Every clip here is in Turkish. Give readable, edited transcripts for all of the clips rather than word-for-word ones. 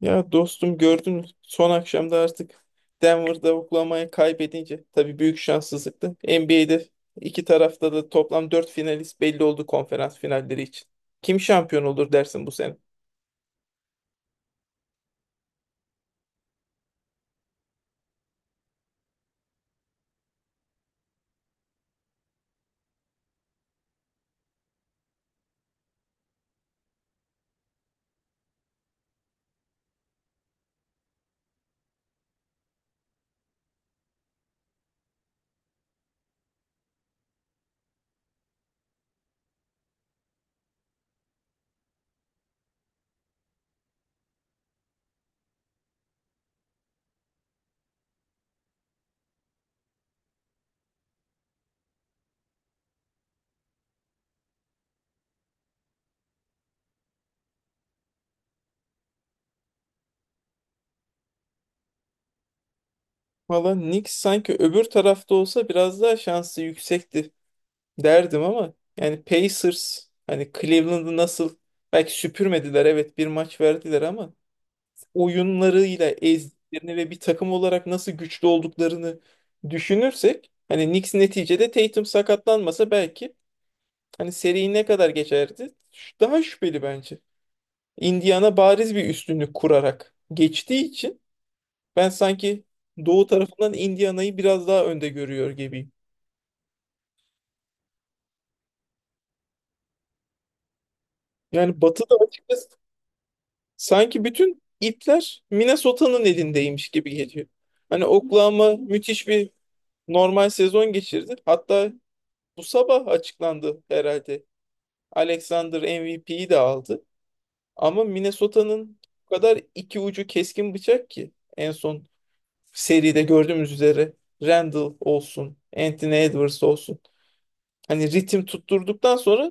Ya dostum, gördün mü? Son akşamda artık Denver'da Oklahoma'yı kaybedince tabii büyük şanssızlıktı. NBA'de iki tarafta da toplam 4 finalist belli oldu, konferans finalleri için. Kim şampiyon olur dersin bu sene? Valla Knicks sanki öbür tarafta olsa biraz daha şansı yüksekti derdim, ama yani Pacers hani Cleveland'ı nasıl, belki süpürmediler, evet, bir maç verdiler ama oyunlarıyla ezdiklerini ve bir takım olarak nasıl güçlü olduklarını düşünürsek, hani Knicks neticede Tatum sakatlanmasa belki hani seri ne kadar geçerdi? Daha şüpheli bence. Indiana bariz bir üstünlük kurarak geçtiği için ben sanki Doğu tarafından Indiana'yı biraz daha önde görüyor gibiyim. Yani Batı'da açıkçası, sanki bütün ipler Minnesota'nın elindeymiş gibi geliyor. Hani Oklahoma müthiş bir normal sezon geçirdi. Hatta bu sabah açıklandı herhalde. Alexander MVP'yi de aldı. Ama Minnesota'nın bu kadar iki ucu keskin bıçak ki, en son seride gördüğümüz üzere Randall olsun, Anthony Edwards olsun, hani ritim tutturduktan sonra,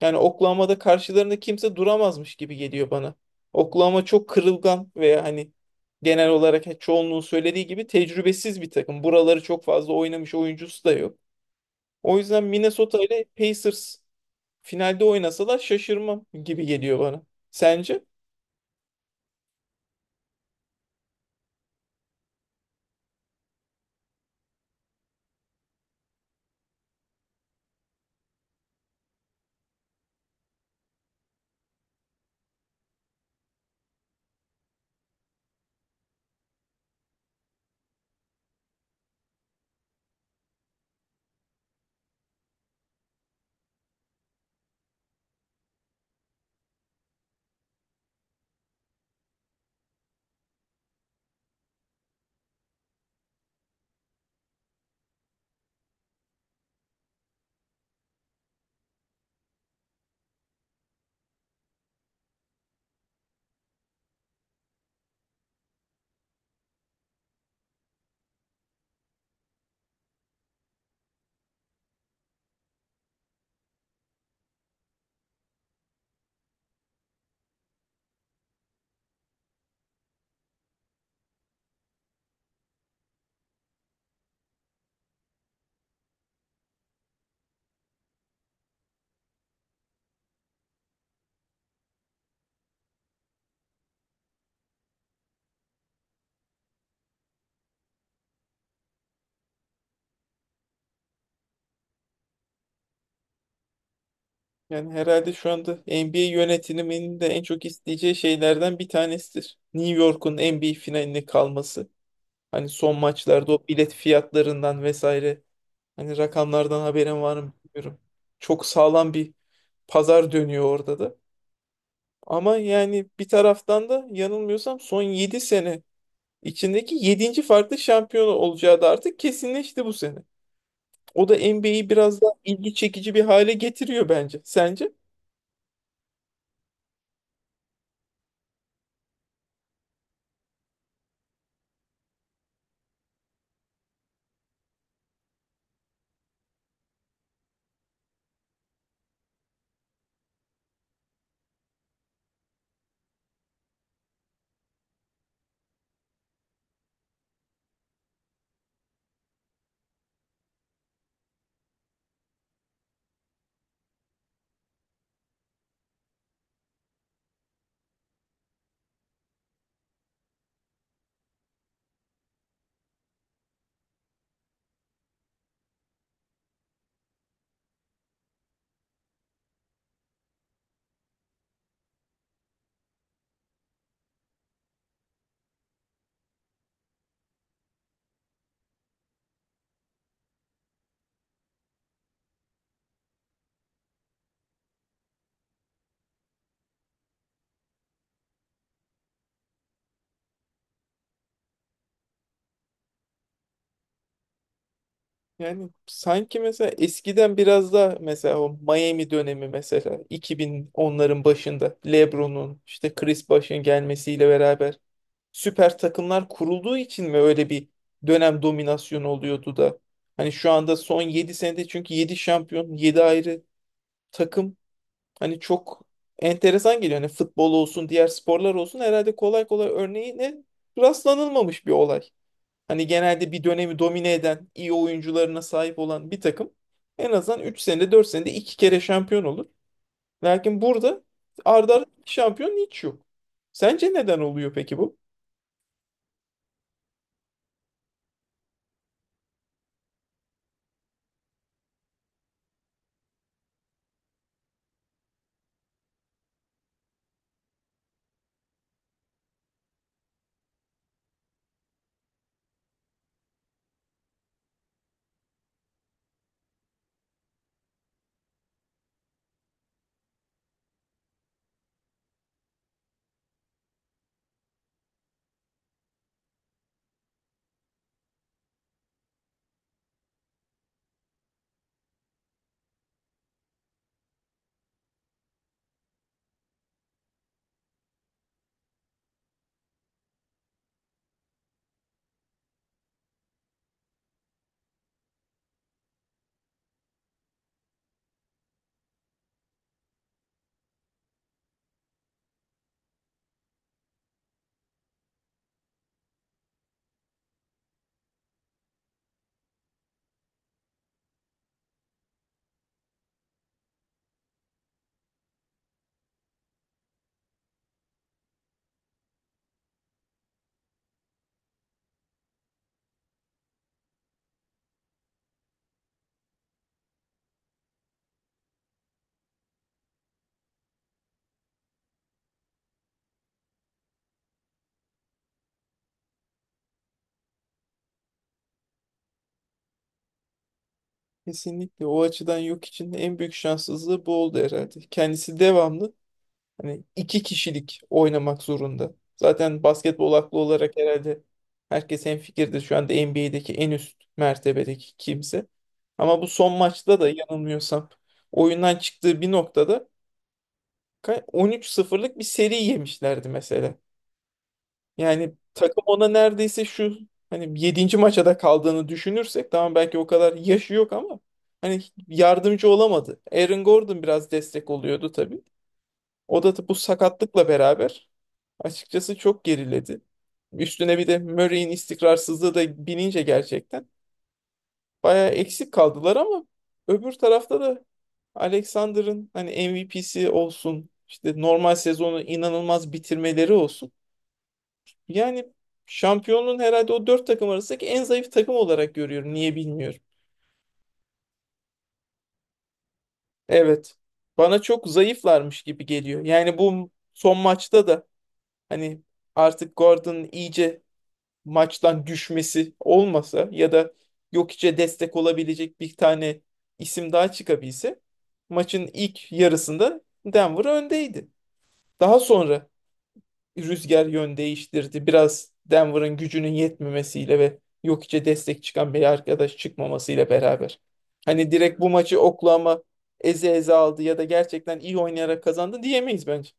yani Oklahoma'da karşılarında kimse duramazmış gibi geliyor bana. Oklahoma çok kırılgan, veya hani genel olarak çoğunluğun söylediği gibi tecrübesiz bir takım. Buraları çok fazla oynamış oyuncusu da yok. O yüzden Minnesota ile Pacers finalde oynasalar şaşırmam gibi geliyor bana. Sence? Yani herhalde şu anda NBA yönetiminin de en çok isteyeceği şeylerden bir tanesidir New York'un NBA finaline kalması. Hani son maçlarda o bilet fiyatlarından vesaire, hani rakamlardan haberin var mı bilmiyorum. Çok sağlam bir pazar dönüyor orada da. Ama yani bir taraftan da, yanılmıyorsam, son 7 sene içindeki yedinci farklı şampiyon olacağı da artık kesinleşti bu sene. O da NBA'yi biraz daha ilgi çekici bir hale getiriyor bence. Sence? Yani sanki mesela eskiden biraz daha, mesela o Miami dönemi, mesela 2010'ların başında LeBron'un, işte Chris Bosh'un gelmesiyle beraber süper takımlar kurulduğu için mi öyle bir dönem dominasyonu oluyordu da? Hani şu anda son 7 senede, çünkü 7 şampiyon, 7 ayrı takım, hani çok enteresan geliyor. Hani futbol olsun, diğer sporlar olsun, herhalde kolay kolay örneğine rastlanılmamış bir olay. Hani genelde bir dönemi domine eden, iyi oyuncularına sahip olan bir takım en azından 3 senede, 4 senede 2 kere şampiyon olur. Lakin burada arda arda iki şampiyon hiç yok. Sence neden oluyor peki bu? Kesinlikle o açıdan Yok için en büyük şanssızlığı bu oldu herhalde. Kendisi devamlı hani iki kişilik oynamak zorunda. Zaten basketbol aklı olarak herhalde herkes hemfikirdir, şu anda NBA'deki en üst mertebedeki kimse. Ama bu son maçta da yanılmıyorsam, oyundan çıktığı bir noktada 13 sıfırlık bir seri yemişlerdi mesela. Yani takım ona neredeyse, şu hani yedinci maça da kaldığını düşünürsek, tamam belki o kadar yaşı yok, ama hani yardımcı olamadı. Aaron Gordon biraz destek oluyordu tabii. O da bu sakatlıkla beraber açıkçası çok geriledi. Üstüne bir de Murray'in istikrarsızlığı da binince gerçekten bayağı eksik kaldılar, ama öbür tarafta da Alexander'ın hani MVP'si olsun, işte normal sezonu inanılmaz bitirmeleri olsun. Yani şampiyonluğun, herhalde o dört takım arasındaki en zayıf takım olarak görüyorum. Niye bilmiyorum. Evet. Bana çok zayıflarmış gibi geliyor. Yani bu son maçta da, hani artık Gordon iyice maçtan düşmesi olmasa, ya da Jokic'e destek olabilecek bir tane isim daha çıkabilse, maçın ilk yarısında Denver öndeydi. Daha sonra rüzgar yön değiştirdi. Biraz Denver'ın gücünün yetmemesiyle ve Jokic'e destek çıkan bir arkadaş çıkmamasıyla beraber, hani direkt bu maçı Oklahoma eze eze aldı ya da gerçekten iyi oynayarak kazandı diyemeyiz bence.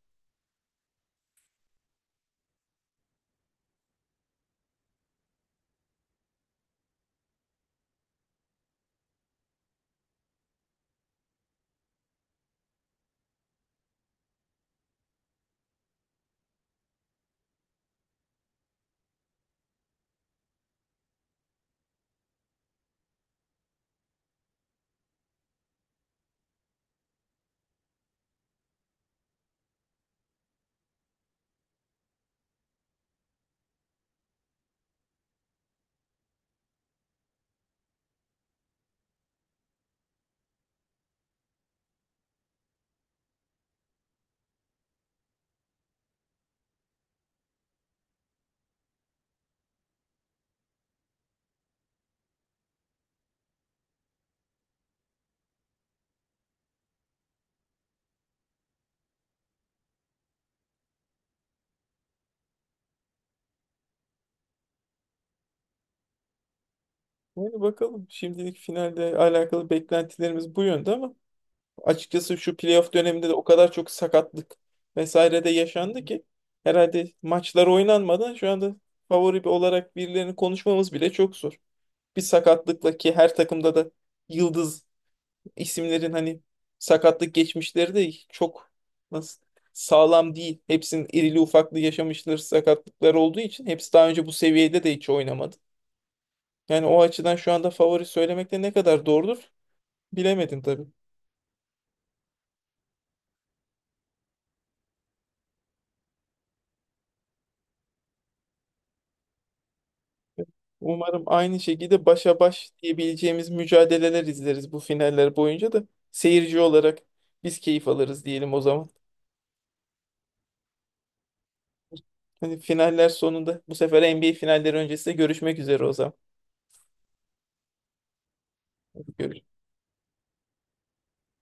Yani bakalım, şimdilik finalde alakalı beklentilerimiz bu yönde, ama açıkçası şu playoff döneminde de o kadar çok sakatlık vesaire de yaşandı ki, herhalde maçlar oynanmadan şu anda favori olarak birilerini konuşmamız bile çok zor. Bir sakatlıkla ki, her takımda da yıldız isimlerin hani sakatlık geçmişleri de çok, nasıl, sağlam değil. Hepsinin irili ufaklı yaşamışları sakatlıklar olduğu için, hepsi daha önce bu seviyede de hiç oynamadı. Yani o açıdan şu anda favori söylemek de ne kadar doğrudur, bilemedim tabii. Umarım aynı şekilde başa baş diyebileceğimiz mücadeleler izleriz bu finaller boyunca da, seyirci olarak biz keyif alırız diyelim o zaman. Hani finaller sonunda, bu sefer NBA finalleri öncesinde görüşmek üzere o zaman. Görüşürüz.